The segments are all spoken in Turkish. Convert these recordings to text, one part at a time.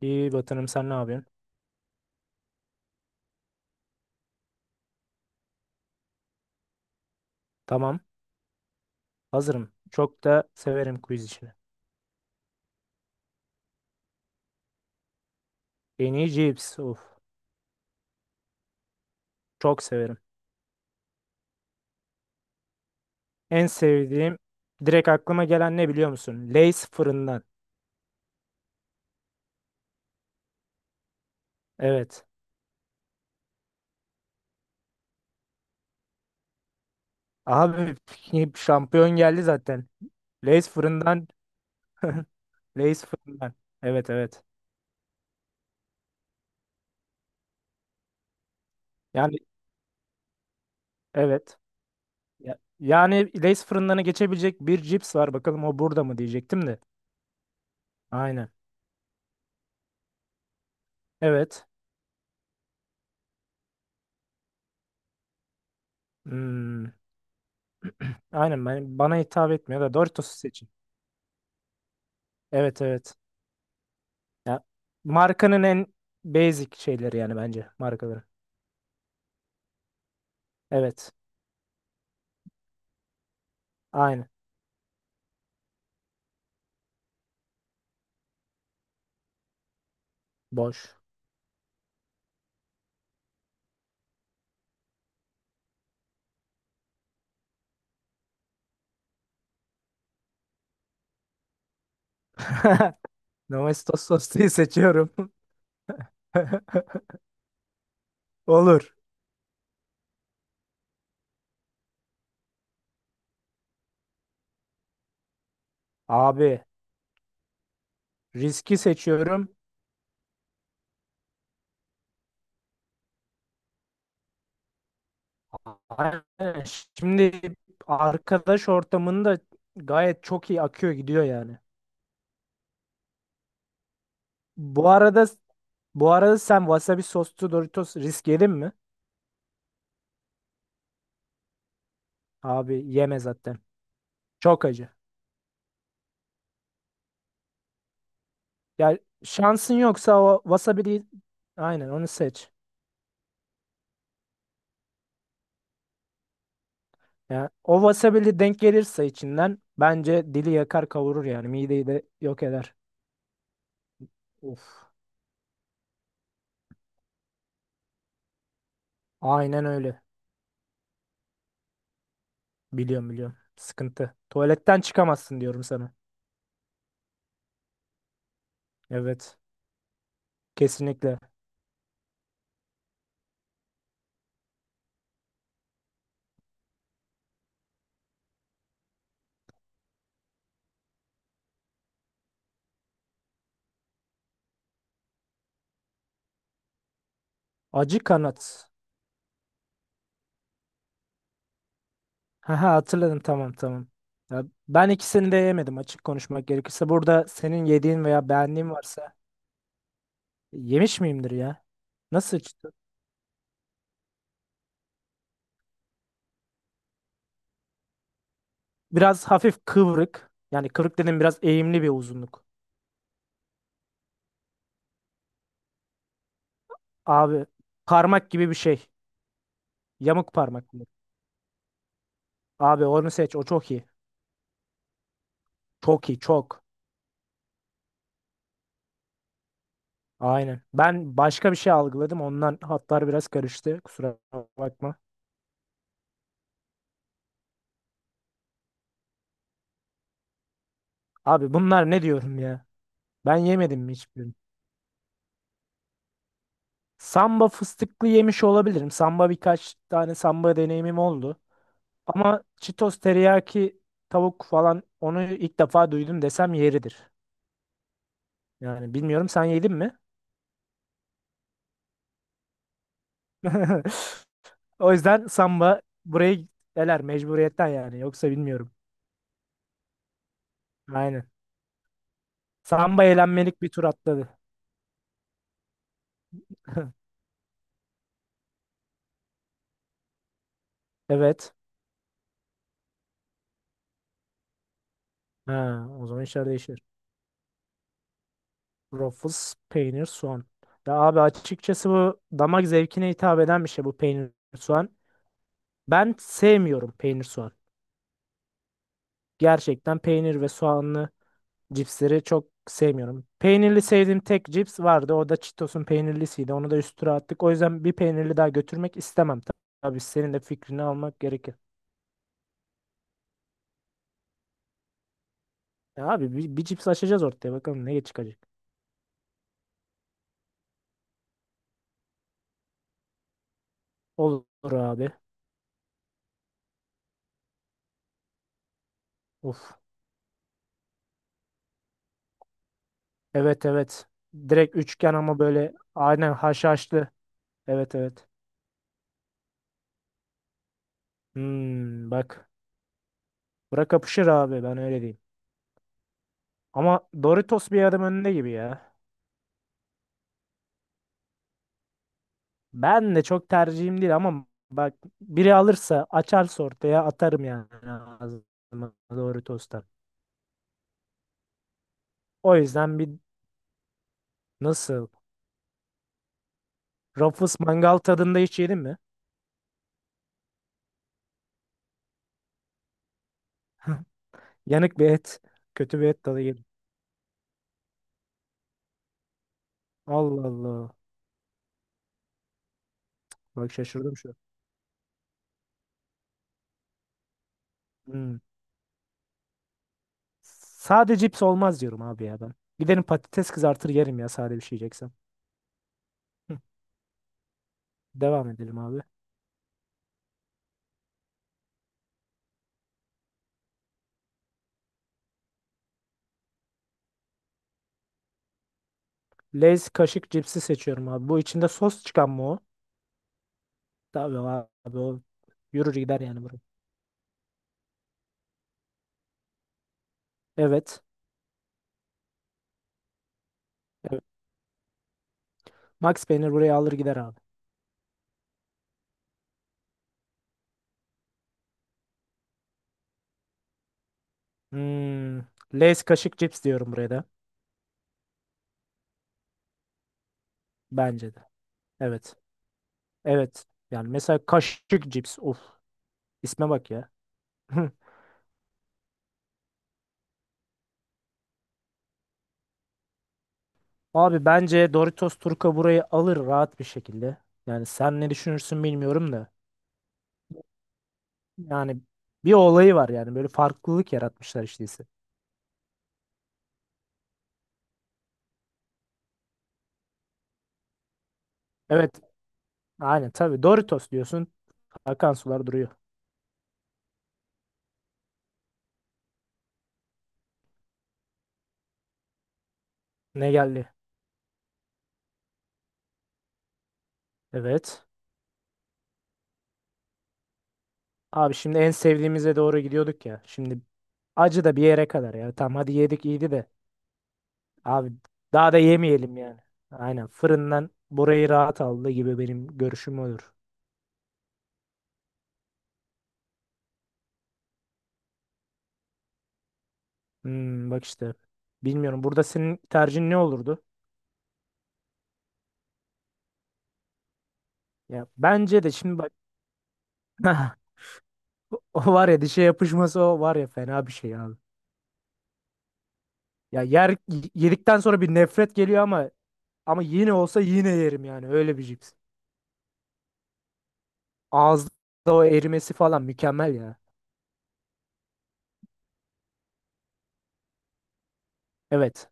İyi Batı'nım, sen ne yapıyorsun? Tamam. Hazırım. Çok da severim quiz işini. En iyi cips. Of. Çok severim. En sevdiğim direkt aklıma gelen ne biliyor musun? Lay's fırından. Evet. Abi şampiyon geldi zaten. Lay's fırından. Lay's fırından. Evet, evet. Yani evet. Yani Lay's fırındanı geçebilecek bir cips var. Bakalım o burada mı diyecektim de. Aynen. Evet. Hmm. Aynen, ben, bana hitap etmiyor da Doritos seçin. Evet, evet. Ya, markanın en basic şeyleri yani bence markaları. Evet. Aynı. Boş. Domestos sosluyu seçiyorum. Olur. Abi riski seçiyorum. Aynen. Şimdi arkadaş ortamında gayet çok iyi akıyor, gidiyor yani. Bu arada, bu arada sen wasabi soslu Doritos risk yedin mi? Abi yeme zaten. Çok acı. Ya şansın yoksa o wasabi'yi, aynen onu seç. Ya o wasabili denk gelirse içinden bence dili yakar kavurur yani mideyi de yok eder. Of. Aynen öyle. Biliyorum, biliyorum. Sıkıntı. Tuvaletten çıkamazsın diyorum sana. Evet. Kesinlikle. Acı kanat. Haha, hatırladım, tamam, tamam. Ya ben ikisini de yemedim açık konuşmak gerekirse. Burada senin yediğin veya beğendiğin varsa yemiş miyimdir ya? Nasıl çıktı? Biraz hafif kıvrık. Yani kıvrık dedim, biraz eğimli bir uzunluk. Abi parmak gibi bir şey. Yamuk parmak mı? Abi onu seç. O çok iyi. Çok iyi. Çok. Aynen. Ben başka bir şey algıladım. Ondan hatlar biraz karıştı. Kusura bakma. Abi bunlar ne diyorum ya? Ben yemedim mi hiçbirini? Samba fıstıklı yemiş olabilirim. Samba, birkaç tane samba deneyimim oldu. Ama Cheetos teriyaki tavuk falan, onu ilk defa duydum desem yeridir. Yani bilmiyorum, sen yedin mi? O yüzden samba burayı eler mecburiyetten yani. Yoksa bilmiyorum. Aynen. Samba eğlenmelik bir tur atladı. Evet. Ha, o zaman işler değişir. Ruffles, peynir, soğan. Ya abi açıkçası bu damak zevkine hitap eden bir şey, bu peynir soğan. Ben sevmiyorum peynir soğan. Gerçekten peynir ve soğanlı cipsleri çok sevmiyorum. Peynirli sevdiğim tek cips vardı. O da Cheetos'un peynirlisiydi. Onu da üstüne attık. O yüzden bir peynirli daha götürmek istemem. Tabii senin de fikrini almak gerekir. Ya abi bir cips açacağız ortaya. Bakalım ne çıkacak. Olur abi. Of. Evet, evet. Direkt üçgen ama böyle aynen haşhaşlı. Evet, evet. Hmm, bak. Bura kapışır abi, ben öyle diyeyim. Ama Doritos bir adım önünde gibi ya. Ben de çok tercihim değil ama bak, biri alırsa açarsa ortaya atarım yani ağzıma Doritos'tan. O yüzden bir, nasıl? Ruffles mangal tadında hiç yedin mi? Yanık bir et. Kötü bir et tadı yedim. Allah Allah. Bak, şaşırdım şu an. Hmm. Sade cips olmaz diyorum abi ya ben. Gidelim patates kızartır yerim ya sade bir şey yiyeceksem. Hı, devam edelim abi. Lay's kaşık cipsi seçiyorum abi. Bu içinde sos çıkan mı o? Tabii abi, o yürür gider yani buraya. Evet. Evet. Max peynir buraya alır gider abi. Hmm. Lay's kaşık cips diyorum buraya da. Bence de. Evet. Evet. Yani mesela kaşık cips. Of. İsme bak ya. Hı. Abi bence Doritos Turka burayı alır rahat bir şekilde. Yani sen ne düşünürsün bilmiyorum da. Yani bir olayı var yani, böyle farklılık yaratmışlar işte ise. Evet, aynen, tabii Doritos diyorsun akan sular duruyor. Ne geldi? Evet. Abi şimdi en sevdiğimize doğru gidiyorduk ya. Şimdi acı da bir yere kadar ya. Tamam, hadi yedik iyiydi de. Abi daha da yemeyelim yani. Aynen, fırından burayı rahat aldı gibi, benim görüşüm olur. Hmm, bak işte. Bilmiyorum, burada senin tercihin ne olurdu? Ya bence de, şimdi bak, o var ya, dişe yapışması, o var ya fena bir şey abi. Ya yer Yedikten sonra bir nefret geliyor ama ama yine olsa yine yerim yani öyle bir cips. Ağızda o erimesi falan mükemmel ya. Evet.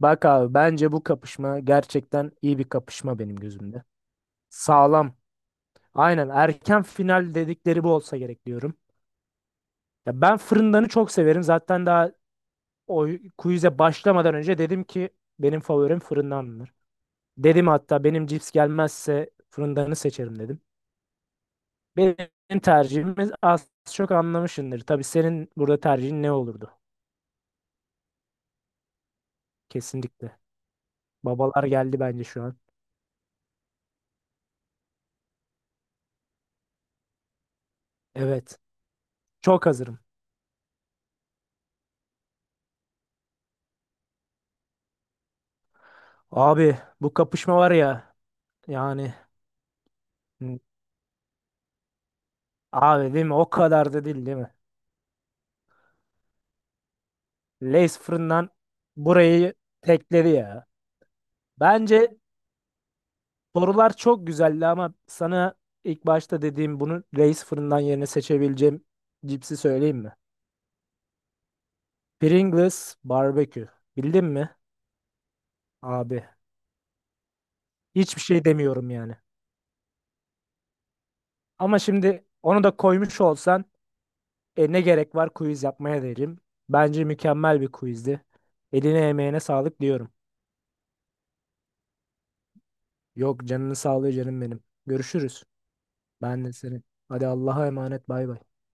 Bak abi, bence bu kapışma gerçekten iyi bir kapışma benim gözümde. Sağlam. Aynen, erken final dedikleri bu olsa gerek diyorum. Ya ben fırındanı çok severim. Zaten daha o quiz'e başlamadan önce dedim ki benim favorim fırındandır. Dedim hatta, benim cips gelmezse fırındanı seçerim dedim. Benim tercihimiz az çok anlamışsındır. Tabii senin burada tercihin ne olurdu? Kesinlikle. Babalar geldi bence şu an. Evet. Çok hazırım. Abi bu kapışma var ya yani, hı, abi değil mi? O kadar da değil değil mi? Lays fırından burayı tekledi ya. Bence sorular çok güzeldi ama sana ilk başta dediğim, bunu Lays fırından yerine seçebileceğim cipsi söyleyeyim mi? Pringles barbekü. Bildin mi? Abi hiçbir şey demiyorum yani. Ama şimdi onu da koymuş olsan ne gerek var quiz yapmaya derim. Bence mükemmel bir quizdi. Eline emeğine sağlık diyorum. Yok canını sağlığı canım benim. Görüşürüz. Ben de senin. Hadi Allah'a emanet, bay bay.